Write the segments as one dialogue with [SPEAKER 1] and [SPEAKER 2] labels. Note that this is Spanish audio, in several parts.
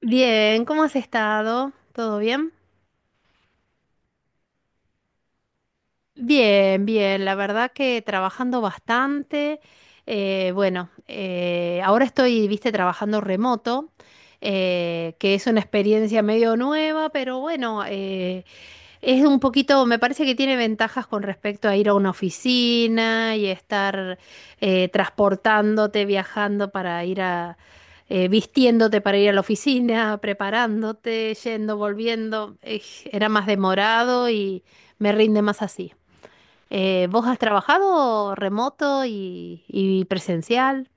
[SPEAKER 1] Bien, ¿cómo has estado? ¿Todo bien? Bien, bien, la verdad que trabajando bastante. Bueno, Ahora estoy, viste, trabajando remoto, que es una experiencia medio nueva, pero bueno, es un poquito, me parece que tiene ventajas con respecto a ir a una oficina y estar transportándote, viajando para ir a, vistiéndote para ir a la oficina, preparándote, yendo, volviendo. Era más demorado y me rinde más así. ¿Vos has trabajado remoto y presencial?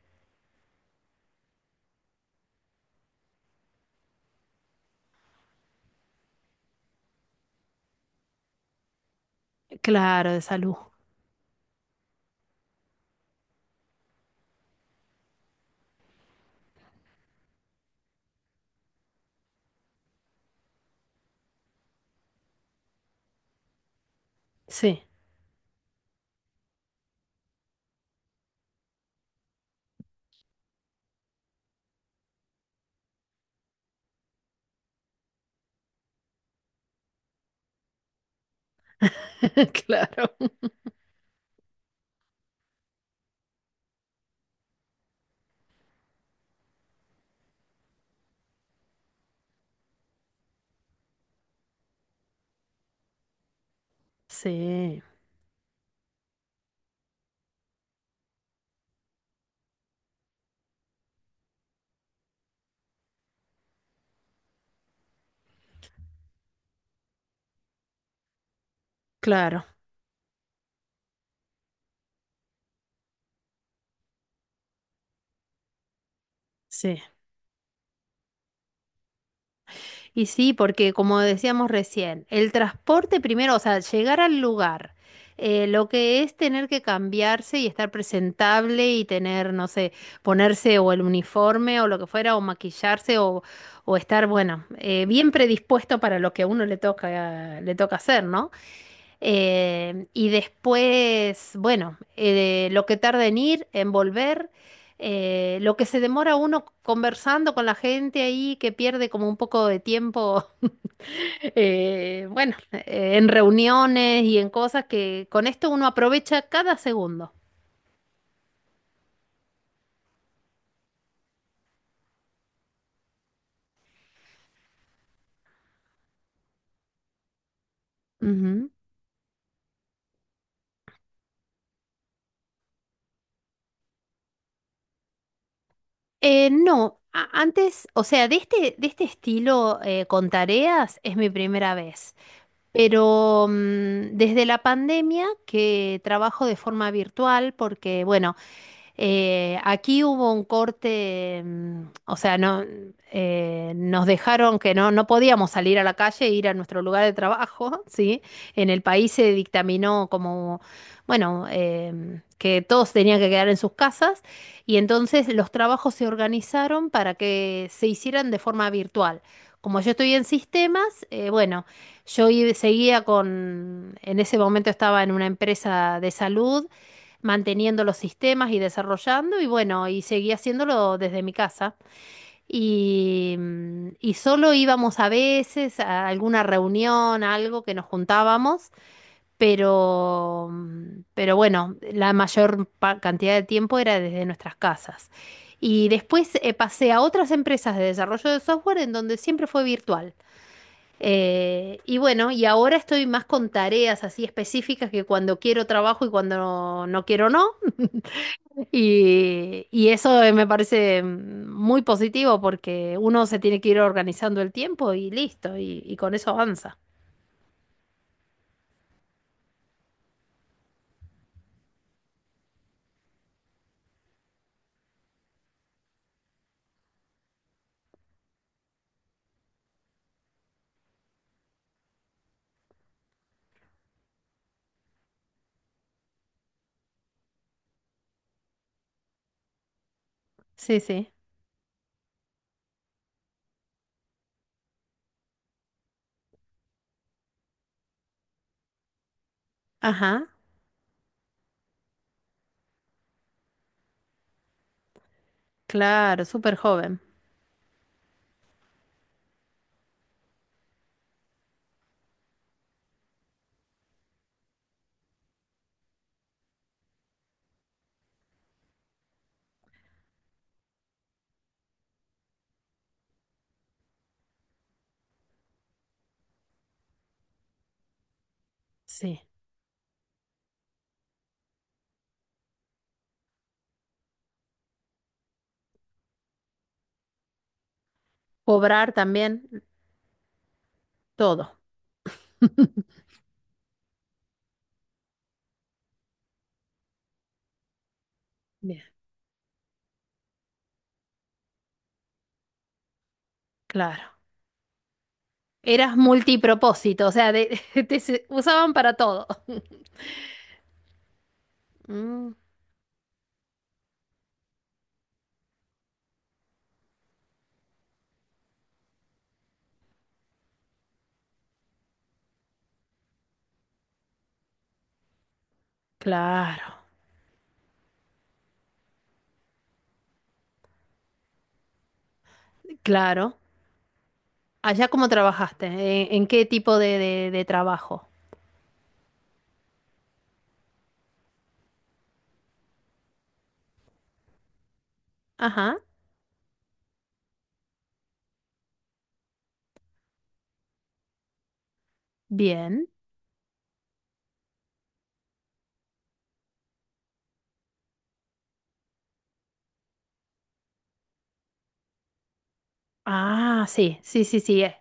[SPEAKER 1] Claro, de salud. Sí, claro. Sí, claro. Sí. Y sí, porque como decíamos recién, el transporte primero, o sea, llegar al lugar, lo que es tener que cambiarse y estar presentable y tener, no sé, ponerse o el uniforme o lo que fuera, o maquillarse o estar, bueno, bien predispuesto para lo que a uno le toca hacer, ¿no? Y después, bueno, lo que tarda en ir, en volver, lo que se demora uno conversando con la gente ahí, que pierde como un poco de tiempo, bueno, en reuniones y en cosas que con esto uno aprovecha cada segundo. Ujú. No, antes, o sea, de este estilo con tareas es mi primera vez. Pero mm, desde la pandemia que trabajo de forma virtual porque, bueno, aquí hubo un corte, mm, o sea, no, nos dejaron que no, no podíamos salir a la calle e ir a nuestro lugar de trabajo, ¿sí? En el país se dictaminó como, bueno, que todos tenían que quedar en sus casas y entonces los trabajos se organizaron para que se hicieran de forma virtual. Como yo estoy en sistemas, bueno, seguía con, en ese momento estaba en una empresa de salud manteniendo los sistemas y desarrollando y bueno, y seguí haciéndolo desde mi casa. Y, mm, y solo íbamos a veces a alguna reunión, a algo que nos juntábamos, pero, mm, pero bueno, la cantidad de tiempo era desde nuestras casas. Y después pasé a otras empresas de desarrollo de software en donde siempre fue virtual. Y bueno, y ahora estoy más con tareas así específicas que cuando quiero trabajo y cuando no quiero no. Y eso me parece mm, muy positivo porque uno se tiene que ir organizando el tiempo y listo, y con eso avanza. Sí, sí. Ajá, claro, súper joven. Sí. Cobrar también todo. Bien, claro. Eras multipropósito, o sea, usaban para todo. Mm, claro, claro. Allá cómo trabajaste. En qué tipo de, de trabajo? Ajá, bien. Ah, sí, sí, sí, sí,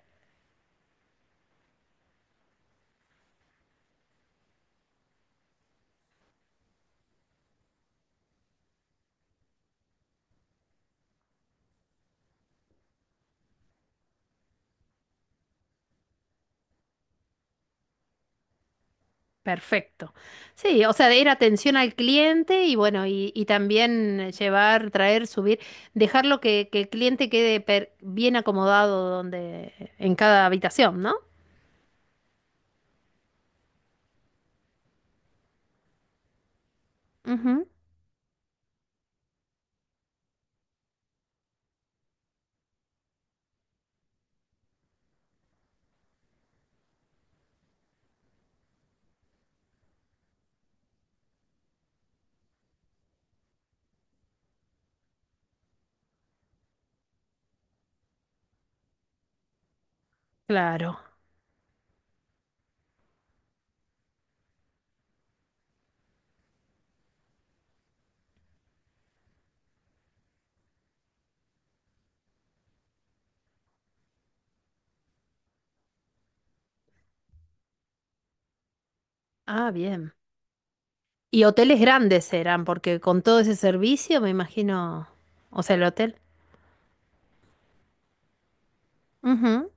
[SPEAKER 1] perfecto. Sí, o sea, de ir atención al cliente y bueno, y también llevar, traer, subir, dejarlo que el cliente quede bien acomodado donde, en cada habitación, ¿no? Ujú, claro. Ah, bien. Y hoteles grandes serán, porque con todo ese servicio me imagino, o sea, el hotel. Ujú.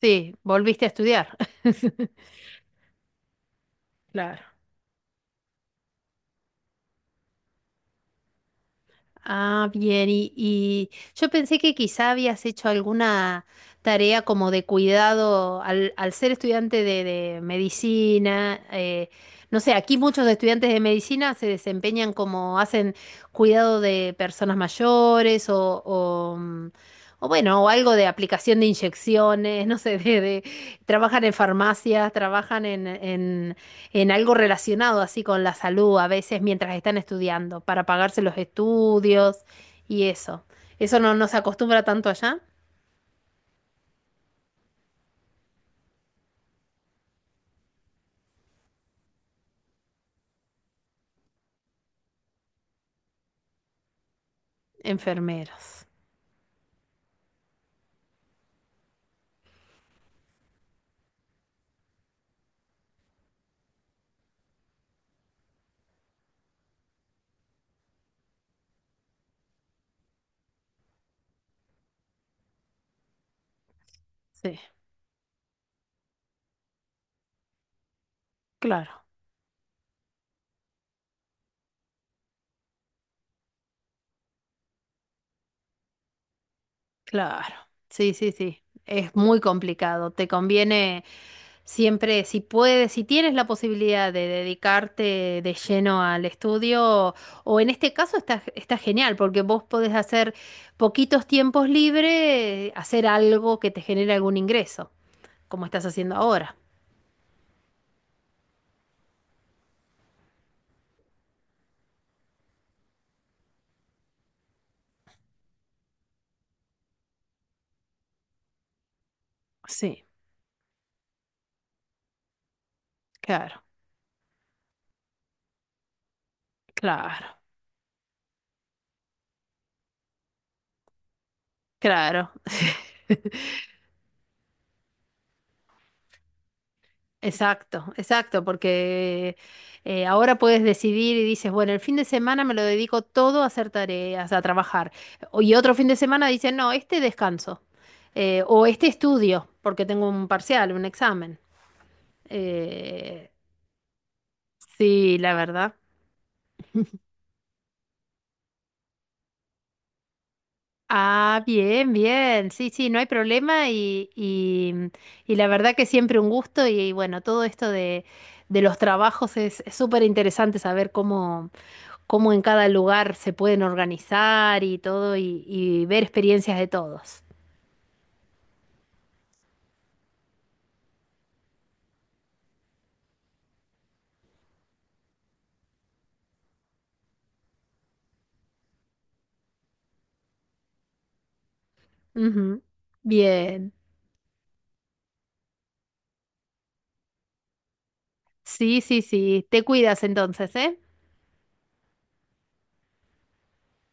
[SPEAKER 1] Sí, volviste a estudiar. Claro. Ah, bien, y yo pensé que quizá habías hecho alguna tarea como de cuidado al, al ser estudiante de medicina. No sé, aquí muchos estudiantes de medicina se desempeñan como hacen cuidado de personas mayores o, mm, o bueno, o algo de aplicación de inyecciones, no sé, de, trabajan en farmacias, trabajan en algo relacionado así con la salud a veces mientras están estudiando, para pagarse los estudios y eso. Eso no, no se acostumbra tanto allá. Enfermeros. Sí, claro, claro. Sí, sí, sí. Es muy complicado. Te conviene siempre, si puedes, si tienes la posibilidad de dedicarte de lleno al estudio, o en este caso está, está genial, porque vos podés hacer poquitos tiempos libres, hacer algo que te genere algún ingreso, como estás haciendo ahora. Sí, claro, claro, claro. Exacto, exacto, porque ahora puedes decidir y dices, bueno, el fin de semana me lo dedico todo a hacer tareas, a trabajar. O- y otro fin de semana dices, no, este descanso, o este estudio, porque tengo un parcial, un examen. Eh, sí, la verdad. Ah, bien, bien. Sí, sí, no hay problema y, mm, y la verdad que siempre un gusto y, bueno, todo esto de los trabajos es súper interesante saber cómo, cómo en cada lugar se pueden organizar y todo y ver experiencias de todos. Ujú. Bien. Sí, sí, sí. Te cuidas entonces, ¿eh?